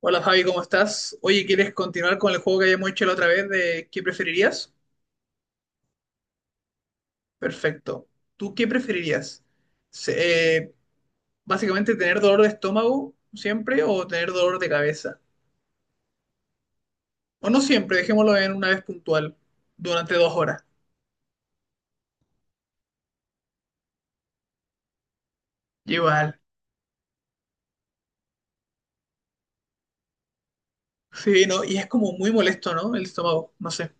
Hola Javi, ¿cómo estás? Oye, ¿quieres continuar con el juego que habíamos hecho la otra vez de qué preferirías? Perfecto. ¿Tú qué preferirías? Se- eh, Básicamente tener dolor de estómago siempre o tener dolor de cabeza. O no siempre, dejémoslo en una vez puntual, durante 2 horas. Igual. Sí, no, y es como muy molesto, ¿no? El estómago, no sé,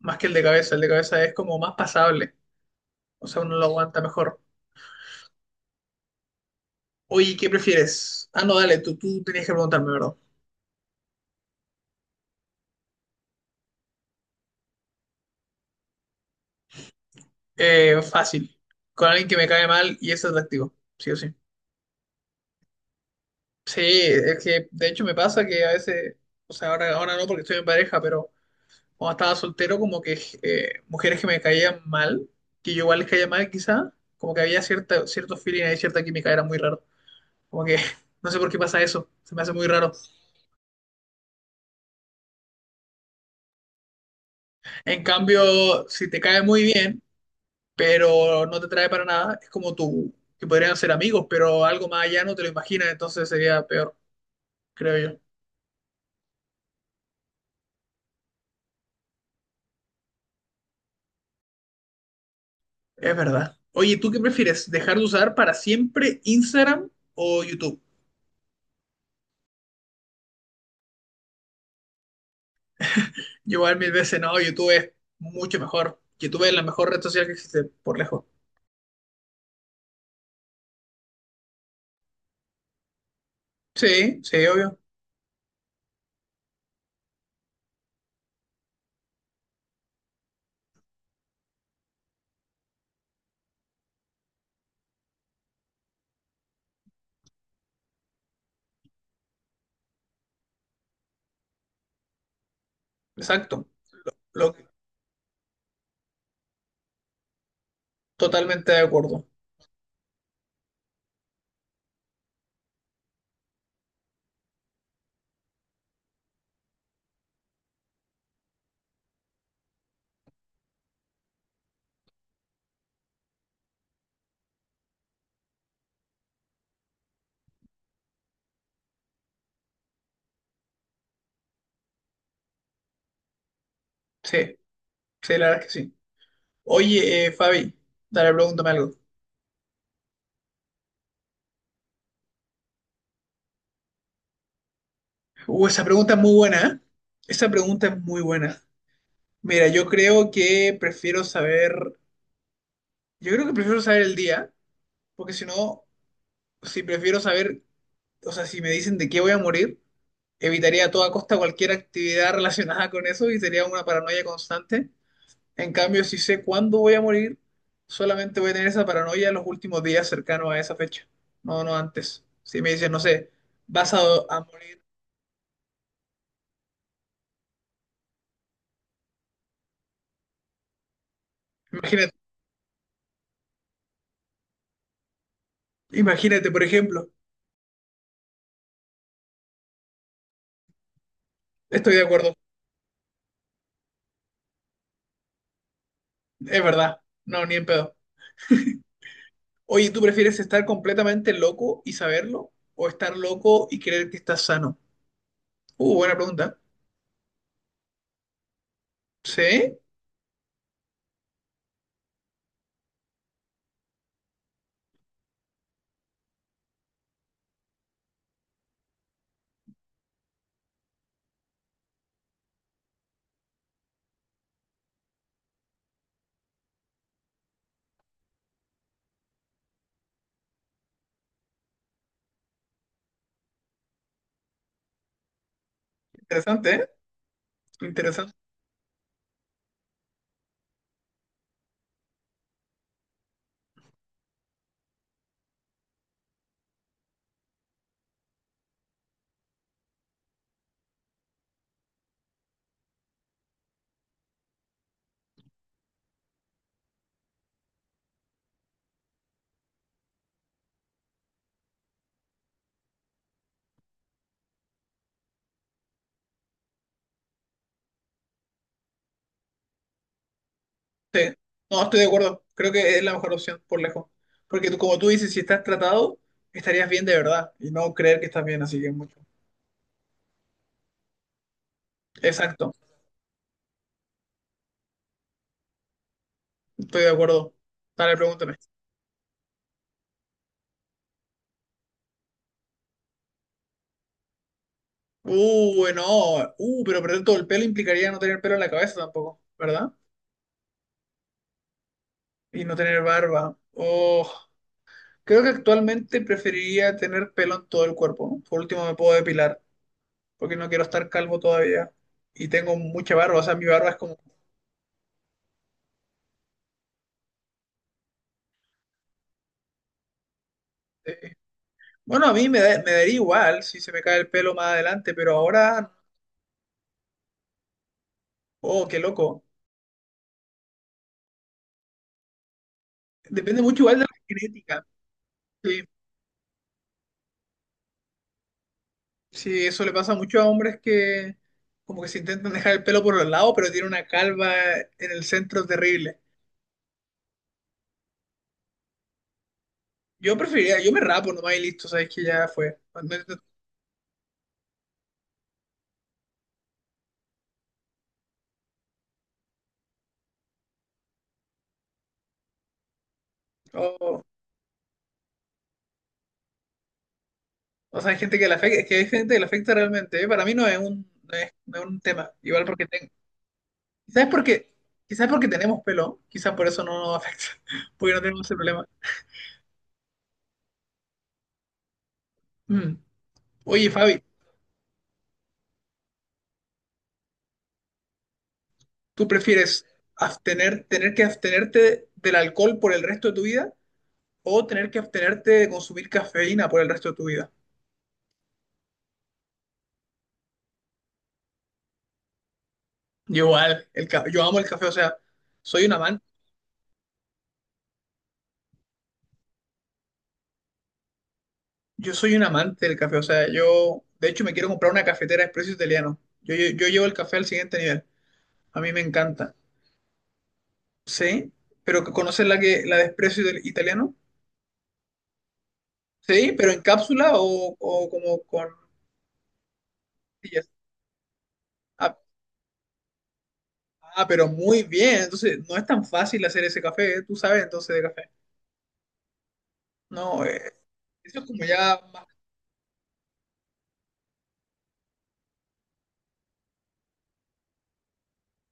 más que el de cabeza. El de cabeza es como más pasable, o sea, uno lo aguanta mejor. Oye, ¿qué prefieres? Ah, no, dale, tú tenías que preguntarme, ¿verdad? Fácil. Con alguien que me cae mal y es atractivo, sí o sí. Sí, es que de hecho me pasa que a veces, o sea, ahora no porque estoy en pareja, pero cuando estaba soltero, como que mujeres que me caían mal, que yo igual les caía mal quizá, como que había cierto feeling ahí, cierta química, era muy raro. Como que no sé por qué pasa eso, se me hace muy raro. En cambio, si te cae muy bien, pero no te trae para nada, es como tú, que podrían ser amigos, pero algo más allá no te lo imaginas, entonces sería peor, creo yo. Es verdad. Oye, ¿tú qué prefieres? ¿Dejar de usar para siempre Instagram o YouTube? Yo igual mil veces no, YouTube es mucho mejor. YouTube es la mejor red social que existe, por lejos. Sí, sí, obvio. Exacto. Lo que- Totalmente de acuerdo. Sí, sí, la verdad es que sí. Oye, Fabi, dale, pregúntame algo. Esa pregunta es muy buena, ¿eh? Esa pregunta es muy buena. Mira, yo creo que prefiero saber el día, porque si no, si prefiero saber o sea, si me dicen de qué voy a morir, evitaría a toda costa cualquier actividad relacionada con eso y sería una paranoia constante. En cambio, si sé cuándo voy a morir, solamente voy a tener esa paranoia en los últimos días cercanos a esa fecha, no, no antes. Si me dicen, no sé, vas a morir, imagínate, imagínate, por ejemplo, estoy de acuerdo, es verdad, no, ni en pedo. Oye, ¿tú prefieres estar completamente loco y saberlo o estar loco y creer que estás sano? Buena pregunta. Sí, interesante, ¿eh? Interesante. Sí, no, estoy de acuerdo. Creo que es la mejor opción, por lejos. Porque tú, como tú dices, si estás tratado, estarías bien de verdad y no creer que estás bien, así que mucho. Exacto, estoy de acuerdo. Dale, pregúntame. Bueno, pero perder todo el pelo implicaría no tener pelo en la cabeza tampoco, ¿verdad? Y no tener barba. Oh, creo que actualmente preferiría tener pelo en todo el cuerpo. Por último, me puedo depilar, porque no quiero estar calvo todavía. Y tengo mucha barba, o sea, mi barba es como... eh, Bueno, a mí me daría igual si se me cae el pelo más adelante, pero ahora, oh, qué loco. Depende mucho igual de la genética. Sí, sí, eso le pasa mucho a hombres que como que se intentan dejar el pelo por los lados, pero tiene una calva en el centro terrible. Yo me rapo nomás y listo, sabes que ya fue. No intento- O, o sea, hay gente que le afecta, que hay gente que le afecta realmente. ¿Eh? Para mí no es un tema. Igual porque tengo, quizás porque, quizás porque tenemos pelo, quizás por eso no nos afecta, porque no tenemos ese problema. Mm. Oye, Fabi, ¿tú prefieres tener que abstenerte del alcohol por el resto de tu vida o tener que abstenerte de consumir cafeína por el resto de tu vida? Yo igual, yo amo el café, o sea, soy un amante, yo soy un amante del café, o sea, yo, de hecho, me quiero comprar una cafetera expreso italiano. Yo llevo el café al siguiente nivel, a mí me encanta. Sí, pero ¿conoces la de expreso italiano? Sí, pero en cápsula o como con pastillas. Ah, pero muy bien. Entonces, no es tan fácil hacer ese café. ¿Eh? Tú sabes entonces de café. No, eso es como ya más.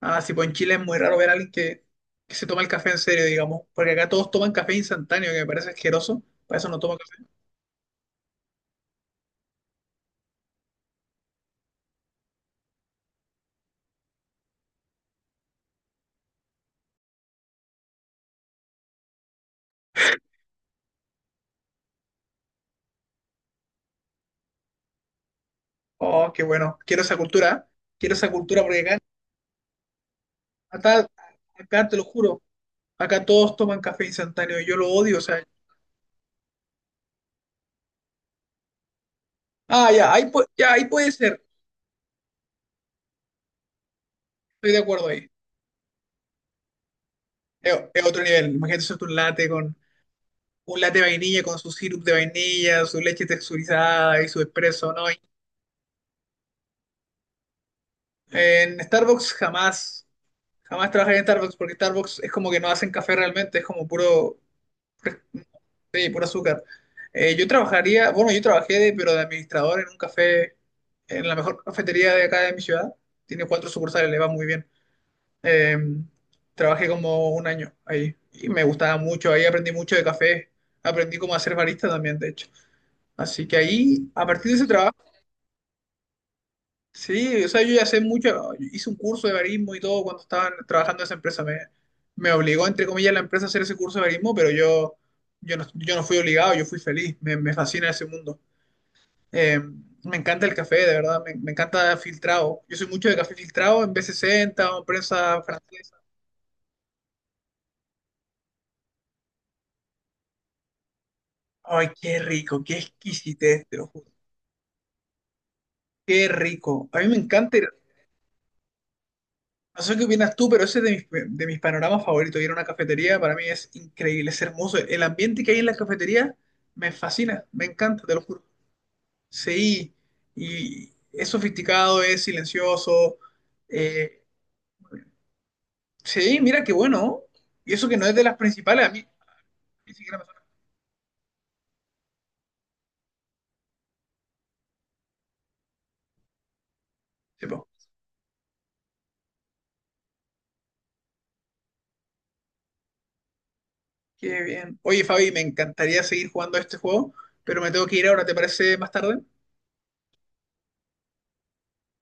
Ah, sí, pues en Chile es muy raro ver a alguien que se toma el café en serio, digamos. Porque acá todos toman café instantáneo, que me parece asqueroso. Para eso no tomo café. Oh, qué bueno. Quiero esa cultura. ¿Eh? Quiero esa cultura porque acá, acá te lo juro. Acá todos toman café instantáneo y yo lo odio. O sea, ah, ya, ahí, ya, ahí puede ser. Estoy de acuerdo ahí. Es otro nivel. Imagínate hacerte un latte de vainilla con su sirup de vainilla, su leche texturizada y su espresso, ¿no? En Starbucks jamás, jamás trabajé en Starbucks porque Starbucks es como que no hacen café realmente, es como puro, sí, puro azúcar. Bueno, yo trabajé pero de administrador en un café, en la mejor cafetería de acá de mi ciudad. Tiene cuatro sucursales, le va muy bien. Eh, Trabajé como un año ahí y me gustaba mucho, ahí aprendí mucho de café, aprendí cómo hacer barista también, de hecho. Así que ahí, a partir de ese trabajo, sí, o sea, yo ya sé mucho, hice un curso de barismo y todo cuando estaba trabajando en esa empresa. Me obligó, entre comillas, la empresa a hacer ese curso de barismo, pero yo no fui obligado, yo fui feliz, me fascina ese mundo. Eh, Me encanta el café, de verdad, me encanta filtrado. Yo soy mucho de café filtrado en B60 o en prensa francesa. Ay, qué rico, qué exquisitez, te lo juro. Qué rico. A mí me encanta ir No sé qué opinas tú, pero ese es de mis, panoramas favoritos. Ir a una cafetería para mí es increíble, es hermoso. El ambiente que hay en la cafetería me fascina, me encanta, te lo juro. Sí, y es sofisticado, es silencioso. eh, sí, mira qué bueno. Y eso que no es de las principales, a mí ni siquiera me suena. Sí, po. Qué bien. Oye, Fabi, me encantaría seguir jugando a este juego, pero me tengo que ir ahora, ¿te parece más tarde?